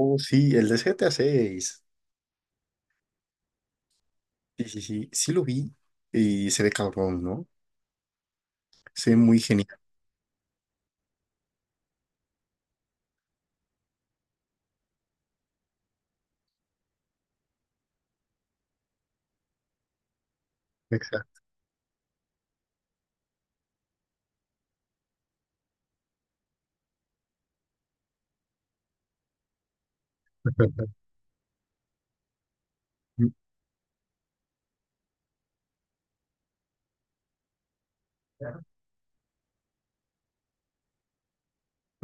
Oh, sí, el de GTA 6. Sí, sí, sí, sí lo vi y se ve cabrón, ¿no? Se ve muy genial. Exacto.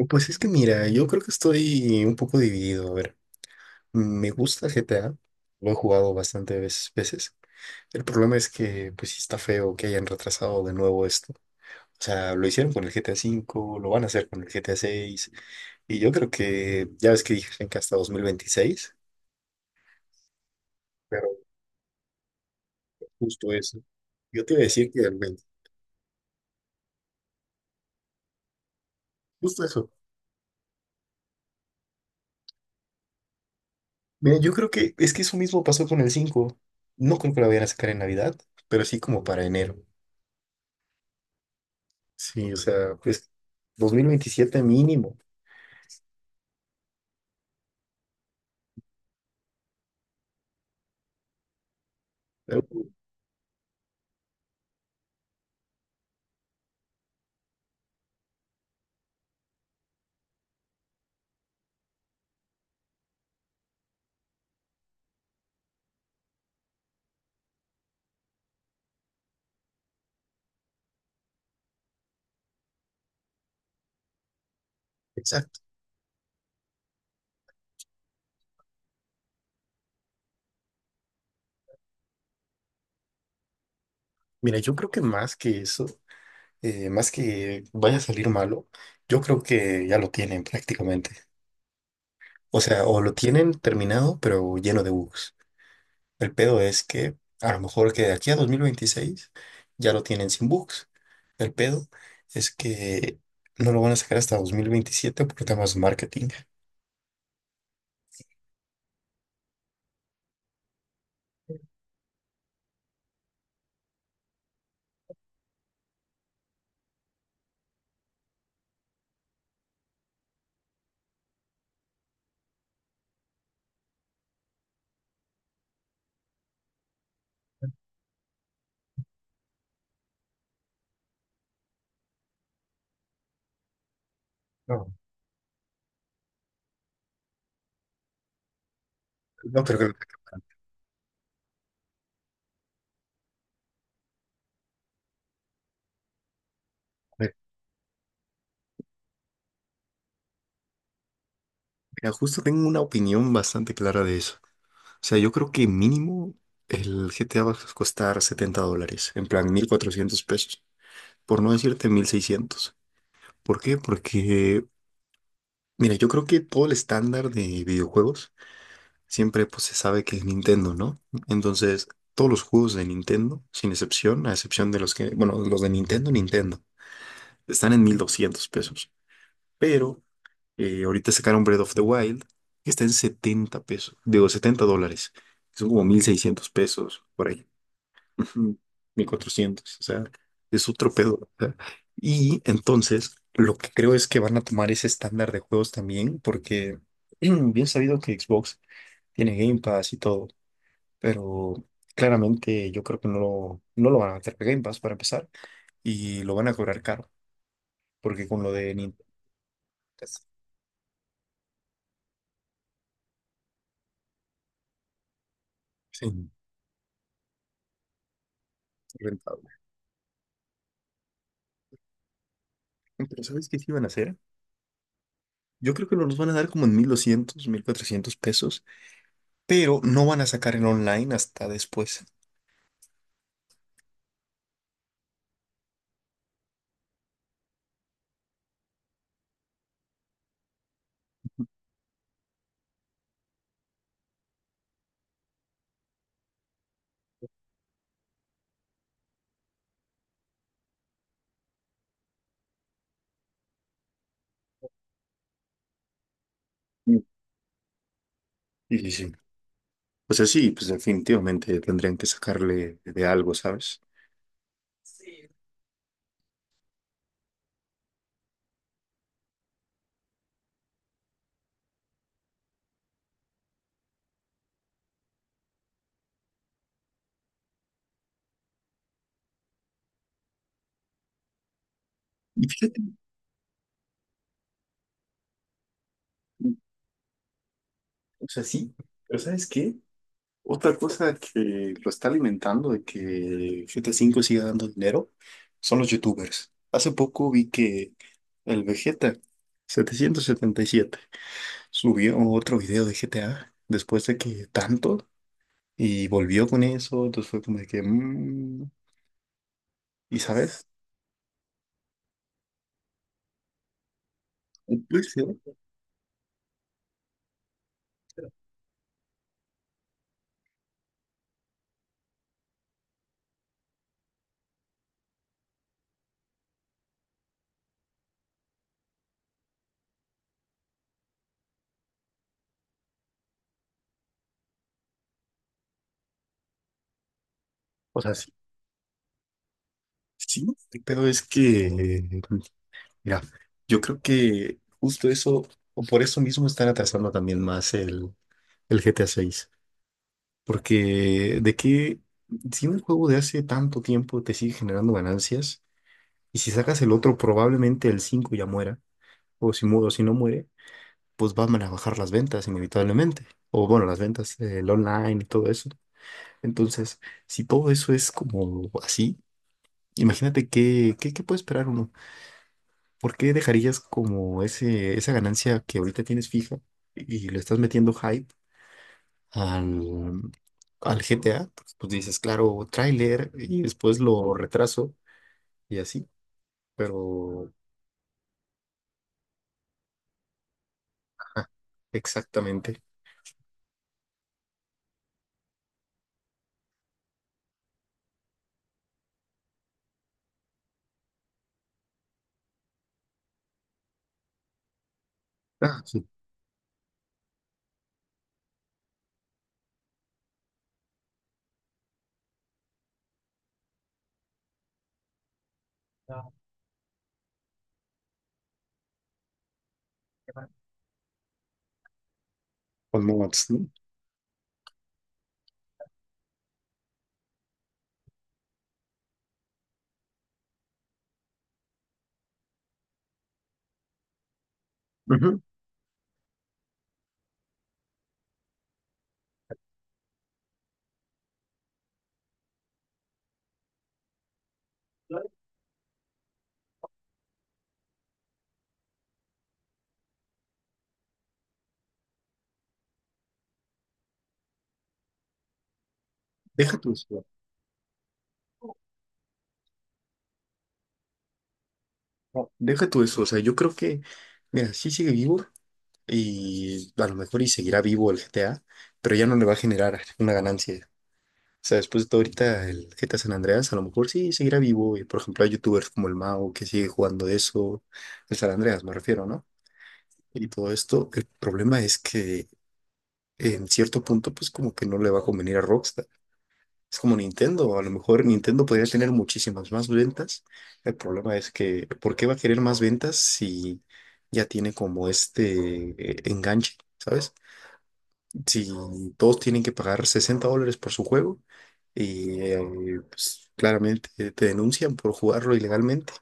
Pues es que mira, yo creo que estoy un poco dividido. A ver, me gusta GTA, lo he jugado bastante veces. El problema es que, pues sí está feo que hayan retrasado de nuevo esto. O sea, lo hicieron con el GTA 5, lo van a hacer con el GTA 6, y yo creo que, ya ves que dije que hasta 2026, pero justo eso. Yo te iba a decir que el 20, justo eso. Mira, yo creo que es que eso mismo pasó con el 5. No creo que lo vayan a sacar en Navidad, pero sí como para enero. Sí, o sea, pues 2027 mínimo. Pero, exacto. Mira, yo creo que más que eso, más que vaya a salir malo, yo creo que ya lo tienen prácticamente. O sea, o lo tienen terminado, pero lleno de bugs. El pedo es que a lo mejor que de aquí a 2026 ya lo tienen sin bugs. El pedo es que no lo van a sacar hasta 2027 por temas de marketing. No, no, pero mira, justo tengo una opinión bastante clara de eso. O sea, yo creo que mínimo el GTA va a costar $70, en plan 1,400 pesos, por no decirte 1,600. ¿Por qué? Porque, mira, yo creo que todo el estándar de videojuegos siempre pues se sabe que es Nintendo, ¿no? Entonces, todos los juegos de Nintendo, sin excepción, a excepción de los que, bueno, los de Nintendo, Nintendo, están en 1,200 pesos. Pero ahorita sacaron Breath of the Wild, que está en 70 pesos, digo, $70. Son como 1,600 pesos por ahí. Ujú, 1,400, o sea, es otro pedo. O sea. Y entonces, lo que creo es que van a tomar ese estándar de juegos también, porque bien sabido que Xbox tiene Game Pass y todo. Pero claramente yo creo que no lo van a meter para Game Pass para empezar y lo van a cobrar caro, porque con lo de Nintendo es sí, rentable. Pero ¿sabes qué sí van a hacer? Yo creo que nos van a dar como en 1,200, 1,400 pesos, pero no van a sacar el online hasta después. Mm. Sí, sí, sí. O sea, sí, pues definitivamente tendrían que sacarle de algo, ¿sabes? Y fíjate, o sea, sí, pero ¿sabes qué? Otra cosa que lo está alimentando de que GTA 5 siga dando dinero son los youtubers. Hace poco vi que el Vegeta 777 subió otro video de GTA después de que tanto y volvió con eso. Entonces fue como de que, ¿y sabes? Pues, sí. O sea, sí, sí, pero es que, mira, yo creo que justo eso, o por eso mismo están atrasando también más el GTA 6. Porque de que si un juego de hace tanto tiempo te sigue generando ganancias, y si sacas el otro, probablemente el 5 ya muera, o si, o si no muere, pues van a bajar las ventas inevitablemente. O bueno, las ventas, el online y todo eso. Entonces, si todo eso es como así, imagínate qué puede esperar uno. ¿Por qué dejarías como ese, esa ganancia que ahorita tienes fija y le estás metiendo hype al, al GTA, porque, pues dices, claro, tráiler y después lo retraso y así? Pero, ajá, exactamente. Ah, sí, con mods, ¿no? Ujú. Deja tu eso, no, deja tu eso, o sea, yo creo que, mira, sí sigue vivo y a lo mejor y seguirá vivo el GTA, pero ya no le va a generar una ganancia. O sea, después de todo ahorita el GTA San Andreas, a lo mejor sí seguirá vivo. Y por ejemplo, hay youtubers como el Mao que sigue jugando eso. El San Andreas, me refiero, ¿no? Y todo esto. El problema es que en cierto punto, pues como que no le va a convenir a Rockstar. Es como Nintendo, a lo mejor Nintendo podría tener muchísimas más ventas. El problema es que, ¿por qué va a querer más ventas si ya tiene como este enganche, ¿sabes? Si todos tienen que pagar $60 por su juego y pues, claramente te denuncian por jugarlo ilegalmente.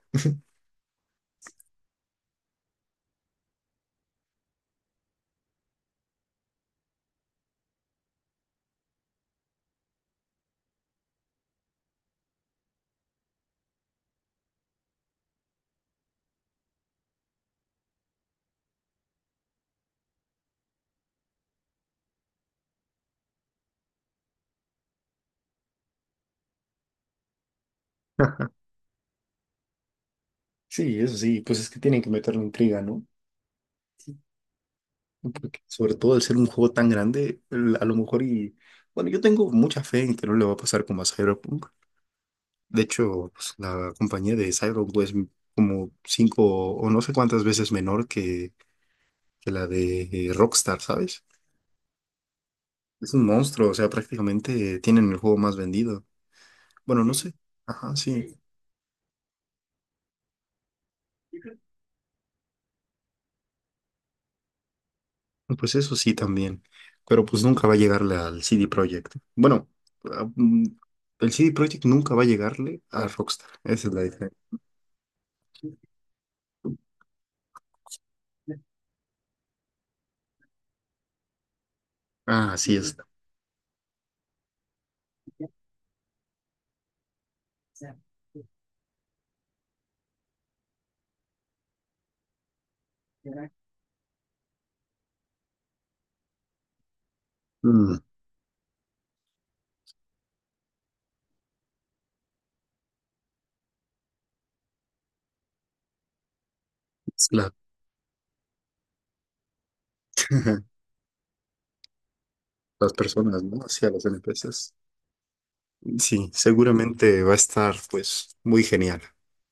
Sí, eso sí, pues es que tienen que meterle intriga, ¿no? ¿No? Porque sobre todo al ser un juego tan grande, a lo mejor y... Bueno, yo tengo mucha fe en que no le va a pasar como a Cyberpunk. De hecho, pues, la compañía de Cyberpunk es como cinco o no sé cuántas veces menor que la de Rockstar, ¿sabes? Es un monstruo, o sea, prácticamente tienen el juego más vendido. Bueno, no sé. Ajá, sí. Pues eso sí también. Pero pues nunca va a llegarle al CD Projekt. Bueno, a- mm, el CD Projekt nunca va a llegarle a Rockstar. Esa es la diferencia. Ah, así es. Mm, es la- las personas, ¿no? Hacia los NPCs. Sí, seguramente va a estar pues muy genial.